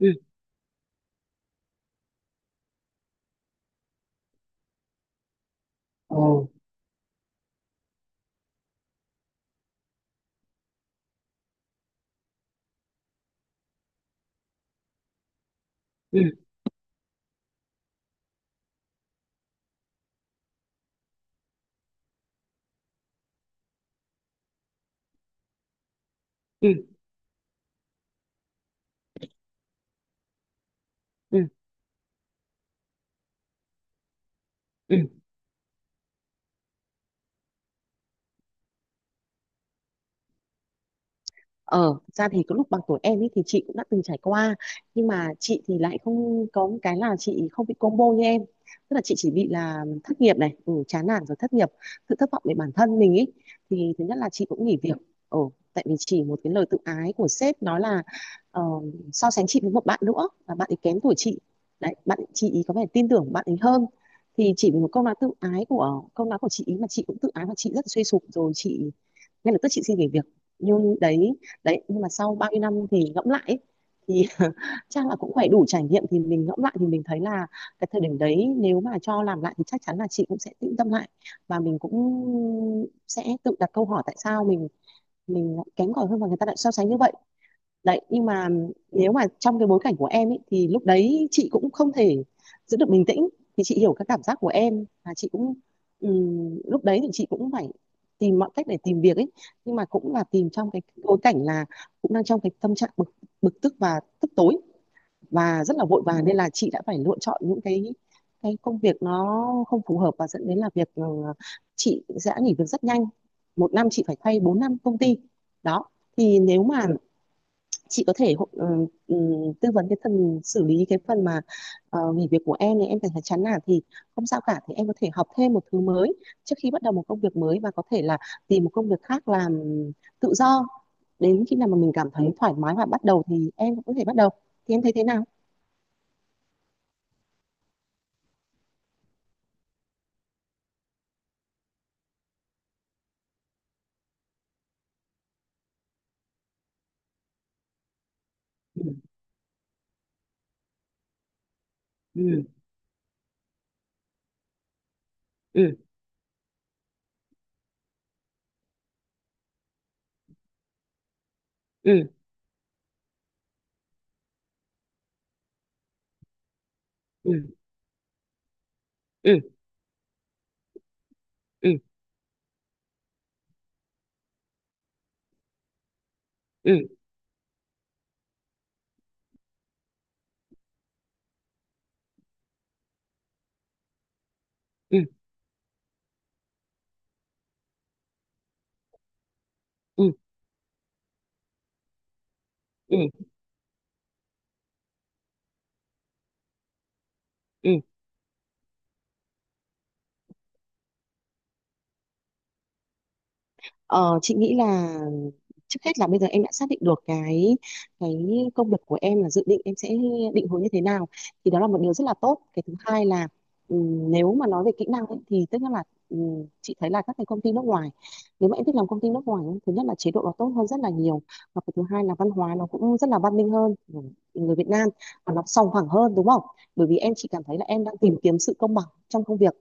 Ừ. Ồ. Ừ. Ừ. Ừ. Ừ. Ờ, Thật ra thì có lúc bằng tuổi em ấy thì chị cũng đã từng trải qua, nhưng mà chị thì lại không có một cái là chị không bị combo như em. Tức là chị chỉ bị là thất nghiệp này, ừ, chán nản rồi thất nghiệp, sự thất vọng về bản thân mình ấy. Thì thứ nhất là chị cũng nghỉ việc, ừ, tại vì chỉ một cái lời tự ái của sếp nói là ờ, so sánh chị với một bạn nữa là bạn ấy kém tuổi chị. Đấy, bạn chị ý có vẻ tin tưởng bạn ấy hơn. Thì chỉ vì một câu nói tự ái của câu nói của chị ý mà chị cũng tự ái và chị rất là suy sụp rồi chị ngay lập tức chị xin nghỉ việc. Nhưng đấy, nhưng mà sau bao nhiêu năm thì ngẫm lại ấy, thì chắc là cũng phải đủ trải nghiệm thì mình ngẫm lại thì mình thấy là cái thời điểm đấy nếu mà cho làm lại thì chắc chắn là chị cũng sẽ tĩnh tâm lại, và mình cũng sẽ tự đặt câu hỏi tại sao mình lại kém cỏi hơn và người ta lại so sánh như vậy. Đấy, nhưng mà nếu mà trong cái bối cảnh của em ấy thì lúc đấy chị cũng không thể giữ được bình tĩnh. Thì chị hiểu các cảm giác của em, và chị cũng lúc đấy thì chị cũng phải tìm mọi cách để tìm việc ấy, nhưng mà cũng là tìm trong cái bối cảnh là cũng đang trong cái tâm trạng bực bực tức và tức tối và rất là vội vàng, nên là chị đã phải lựa chọn những cái công việc nó không phù hợp và dẫn đến là việc, ừ, chị sẽ nghỉ việc rất nhanh, một năm chị phải thay bốn năm công ty, đó. Thì nếu mà chị có thể tư vấn cái phần xử lý cái phần mà nghỉ việc của em này, em cảm thấy chán nản thì không sao cả, thì em có thể học thêm một thứ mới trước khi bắt đầu một công việc mới, và có thể là tìm một công việc khác làm tự do. Đến khi nào mà mình cảm thấy thoải mái và bắt đầu thì em cũng có thể bắt đầu. Thì em thấy thế nào? Ừ. Ừ. Ừ. Ừ. Ừ. Ừ. Ừ. Ừ. Ừ. Ừ. Ừ. Ừ, ừ. Ừ. Ờ, chị nghĩ là trước hết là bây giờ em đã xác định được cái cái công việc của em là dự định em sẽ định hướng như thế nào, thì đó là một điều rất là tốt. Cái thứ hai là, nếu mà nói về kỹ năng ấy, thì tức là chị thấy là các cái công ty nước ngoài, nếu mà em thích làm công ty nước ngoài ấy, thứ nhất là chế độ nó tốt hơn rất là nhiều, và cái thứ hai là văn hóa nó cũng rất là văn minh hơn của người Việt Nam, và nó sòng phẳng hơn, đúng không? Bởi vì em chỉ cảm thấy là em đang tìm kiếm sự công bằng trong công việc.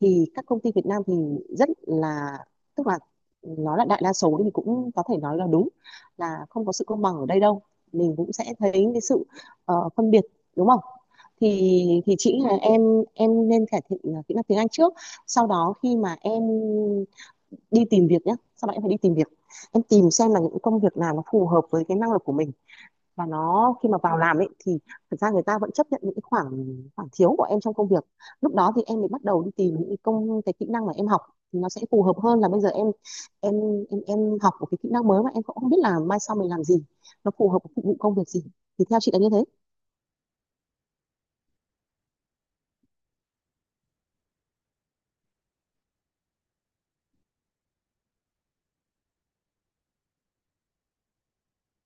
Thì các công ty Việt Nam thì rất là, tức là, nó là đại đa số thì cũng có thể nói là đúng là không có sự công bằng ở đây đâu. Mình cũng sẽ thấy cái sự phân biệt, đúng không? Thì thì chị nghĩ là em nên cải thiện kỹ năng tiếng Anh trước, sau đó khi mà em đi tìm việc nhé, sau đó em phải đi tìm việc, em tìm xem là những công việc nào nó phù hợp với cái năng lực của mình. Và nó khi mà vào làm ấy thì thật ra người ta vẫn chấp nhận những cái khoảng, khoảng thiếu của em trong công việc. Lúc đó thì em mới bắt đầu đi tìm những cái công cái kỹ năng mà em học thì nó sẽ phù hợp hơn là bây giờ em em em học một cái kỹ năng mới mà em cũng không biết là mai sau mình làm gì, nó phù hợp với phục vụ công việc gì. Thì theo chị là như thế.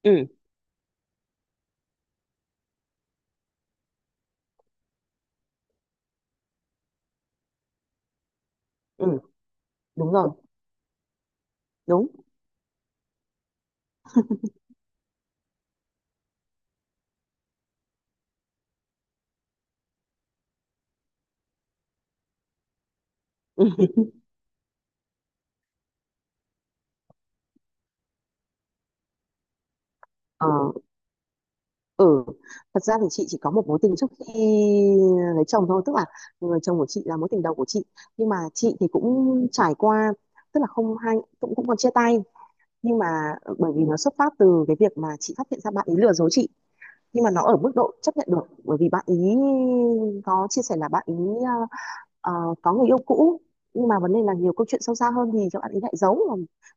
Ừ. Ừ, đúng rồi. Đúng. Ừ. Ừ, thật ra thì chị chỉ có một mối tình trước khi lấy chồng thôi, tức là người chồng của chị là mối tình đầu của chị. Nhưng mà chị thì cũng trải qua, tức là không hai cũng cũng còn chia tay, nhưng mà ừ, bởi vì nó xuất phát từ cái việc mà chị phát hiện ra bạn ấy lừa dối chị, nhưng mà nó ở mức độ chấp nhận được bởi vì bạn ấy có chia sẻ là bạn ấy ờ, có người yêu cũ. Nhưng mà vấn đề là nhiều câu chuyện sâu xa hơn thì các bạn ấy lại giấu mà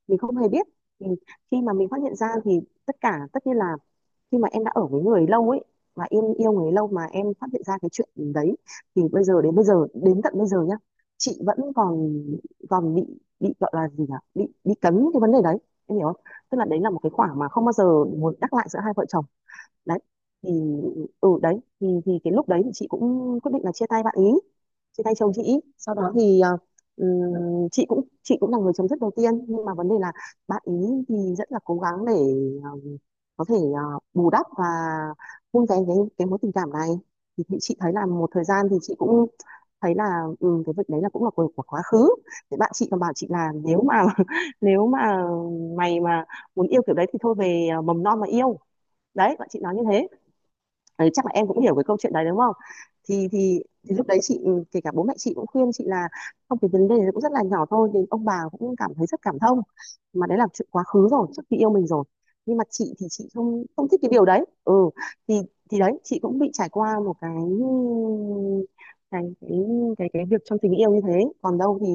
mình không hề biết. Thì khi mà mình phát hiện ra thì tất cả tất nhiên là khi mà em đã ở với người lâu ấy, mà em yêu người lâu mà em phát hiện ra cái chuyện đấy, thì bây giờ đến tận bây giờ nhá, chị vẫn còn, còn bị bị gọi là gì nhỉ, bị cấn cái vấn đề đấy, em hiểu không? Tức là đấy là một cái khoảng mà không bao giờ muốn nhắc lại giữa hai vợ chồng. Đấy, thì đấy thì cái lúc đấy thì chị cũng quyết định là chia tay bạn ý, chia tay chồng chị. Sau đó thì chị cũng là người chấm dứt đầu tiên, nhưng mà vấn đề là bạn ý thì rất là cố gắng để ờ, có thể bù đắp và vun vén cái mối tình cảm này. Thì chị thấy là một thời gian thì chị cũng thấy là, ừ, cái việc đấy là cũng là của quá khứ. Thì bạn chị còn bảo chị là nếu mà nếu mà mày mà muốn yêu kiểu đấy thì thôi về mầm non mà yêu. Đấy, bạn chị nói như thế. Đấy chắc là em cũng hiểu cái câu chuyện đấy, đúng không? Thì thì thì lúc đấy chị, ừ, kể cả bố mẹ chị cũng khuyên chị là không, cái vấn đề đấy cũng rất là nhỏ thôi, nhưng ông bà cũng cảm thấy rất cảm thông, mà đấy là chuyện quá khứ rồi, trước khi yêu mình rồi, nhưng mà chị thì chị không không thích cái điều đấy, ừ. thì thì đấy chị cũng bị trải qua một cái cái cái việc trong tình yêu như thế. Còn đâu thì,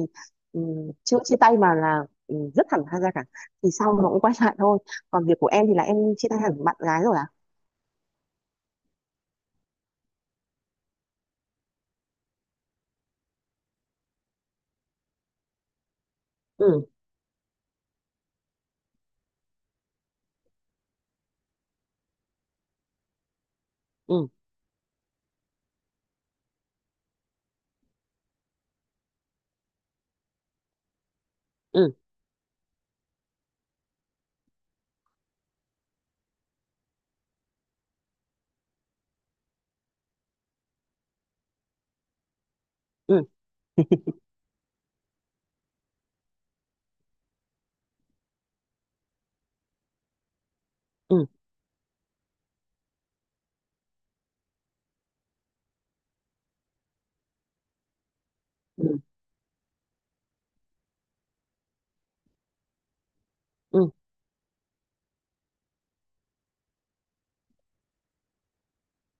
ừ, chưa chia tay mà là, ừ, rất thẳng thắn ra cả. Thì sau nó cũng quay lại thôi. Còn việc của em thì là em chia tay hẳn bạn gái rồi à? Ừ. Ừ. Ừ. Ừ. Ừ. Ừ. Ừ.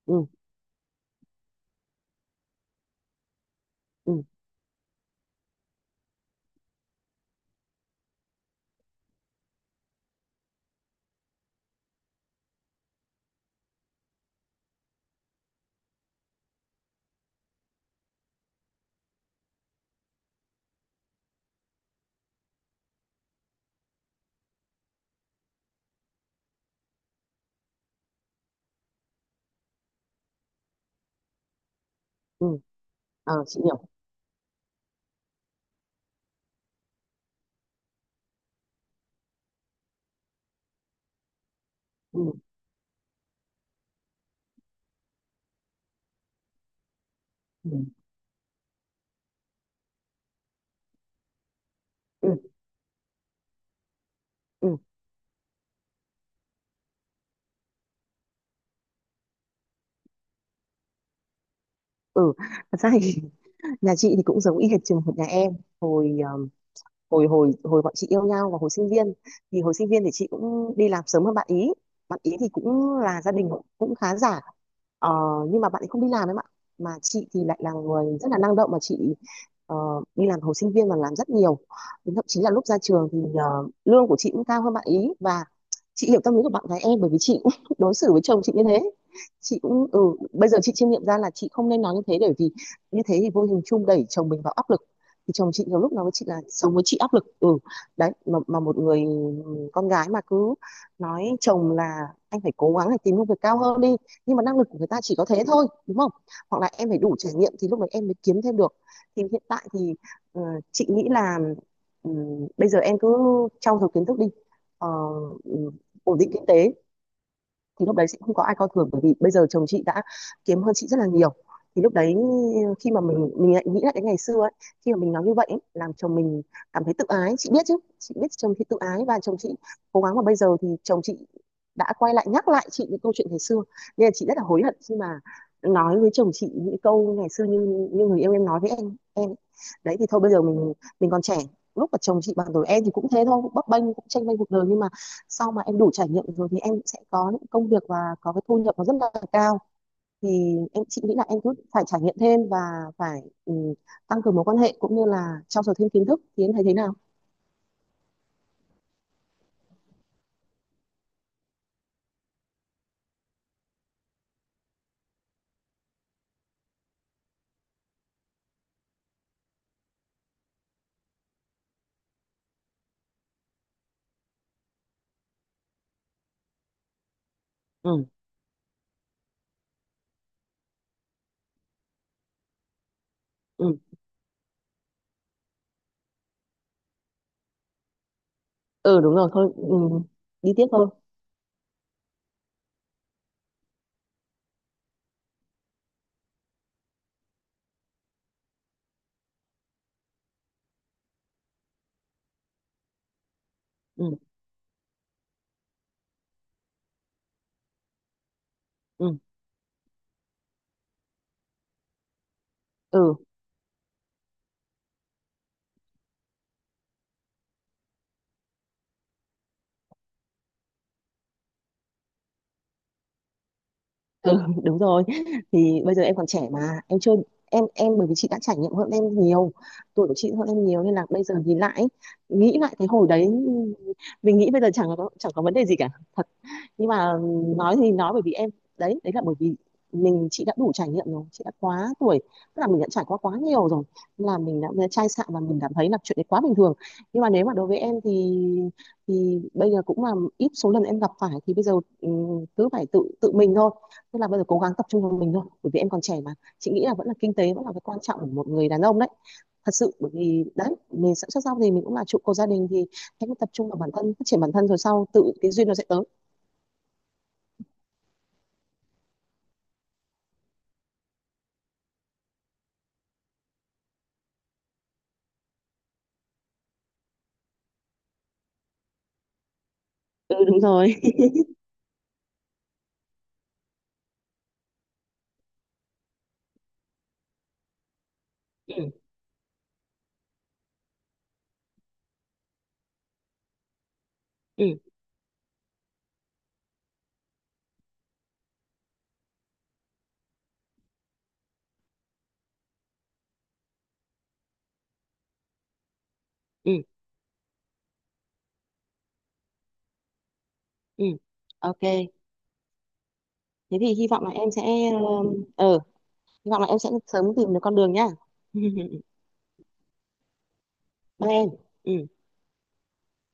Ừ. Ừ. Ừ. Ờ, chị hiểu. Ừ. Ừ. Ừ. Ừ. Ừ. Thật ra thì nhà chị thì cũng giống y hệt trường hợp nhà em, hồi ờ, hồi hồi hồi bọn chị yêu nhau và hồi sinh viên, thì hồi sinh viên thì chị cũng đi làm sớm hơn bạn ý. Bạn ý thì cũng là gia đình cũng khá giả, ờ, nhưng mà bạn ấy không đi làm em ạ, mà chị thì lại là người rất là năng động mà chị ờ, đi làm hồi sinh viên và làm rất nhiều. Đến thậm chí là lúc ra trường thì lương của chị cũng cao hơn bạn ý. Và chị hiểu tâm lý của bạn gái em bởi vì chị cũng đối xử với chồng chị như thế. Chị cũng bây giờ chị chiêm nghiệm ra là chị không nên nói như thế, bởi vì như thế thì vô hình chung đẩy chồng mình vào áp lực. Thì chồng chị nhiều lúc nói với chị là sống với chị áp lực, ừ. Đấy, mà một người con gái mà cứ nói chồng là anh phải cố gắng để tìm công việc cao hơn đi, nhưng mà năng lực của người ta chỉ có thế thôi, đúng không? Hoặc là em phải đủ trải nghiệm thì lúc đấy em mới kiếm thêm được. Thì hiện tại thì ờ, chị nghĩ là, ừ, bây giờ em cứ trau dồi kiến thức đi. Ờ, ừ, ổn định kinh tế. Thì lúc đấy chị không có ai coi thường, bởi vì bây giờ chồng chị đã kiếm hơn chị rất là nhiều. Thì lúc đấy khi mà mình lại nghĩ lại cái ngày xưa ấy, khi mà mình nói như vậy ấy, làm chồng mình cảm thấy tự ái, chị biết chứ. Chị biết chồng thì tự ái và chồng chị cố gắng, mà bây giờ thì chồng chị đã quay lại nhắc lại chị những câu chuyện ngày xưa. Nên là chị rất là hối hận khi mà nói với chồng chị những câu ngày xưa như như người yêu em nói với em ấy. Đấy thì thôi bây giờ mình, còn trẻ, lúc mà chồng chị bằng tuổi em thì cũng thế thôi, cũng bấp bênh, cũng tranh bênh cuộc đời, nhưng mà sau mà em đủ trải nghiệm rồi thì em sẽ có những công việc và có cái thu nhập nó rất là cao. Thì em, chị nghĩ là em cứ phải trải nghiệm thêm, và phải, ừ, tăng cường mối quan hệ cũng như là trau dồi thêm kiến thức. Thì em thấy thế nào? Ừ. Ừ. Ừ, đúng rồi thôi, ừ, đi tiếp thôi. Ừ. Ừ. Ừ. Ừ. Đúng rồi. Thì bây giờ em còn trẻ mà em chưa, em bởi vì chị đã trải nghiệm hơn em nhiều, tuổi của chị hơn em nhiều nên là bây giờ nhìn lại, nghĩ lại cái hồi đấy, mình nghĩ bây giờ chẳng có vấn đề gì cả, nhưng mà nói thì nói bởi vì em, đấy đấy là bởi vì mình, chị đã đủ trải nghiệm rồi, chị đã quá tuổi, tức là mình đã trải qua quá nhiều rồi. Nên là mình đã chai sạn và mình cảm thấy là chuyện đấy quá bình thường. Nhưng mà nếu mà đối với em thì bây giờ cũng là ít số lần em gặp phải thì bây giờ cứ phải tự tự mình thôi. Tức là bây giờ cố gắng tập trung vào mình thôi, bởi vì em còn trẻ mà. Chị nghĩ là vẫn là kinh tế vẫn là cái quan trọng của một người đàn ông đấy, thật sự. Bởi vì đấy mình sắp xuất gia thì mình cũng là trụ cột gia đình. Thì hãy cứ tập trung vào bản thân, phát triển bản thân rồi sau tự cái duyên nó sẽ tới. Ừ, đúng rồi. Ừ. Ừ. Ừ. Ừ. OK. Thế thì hy vọng là em sẽ, ờ, ờ, hy vọng là em sẽ sớm tìm được con đường nhá. Bye em. Ừ.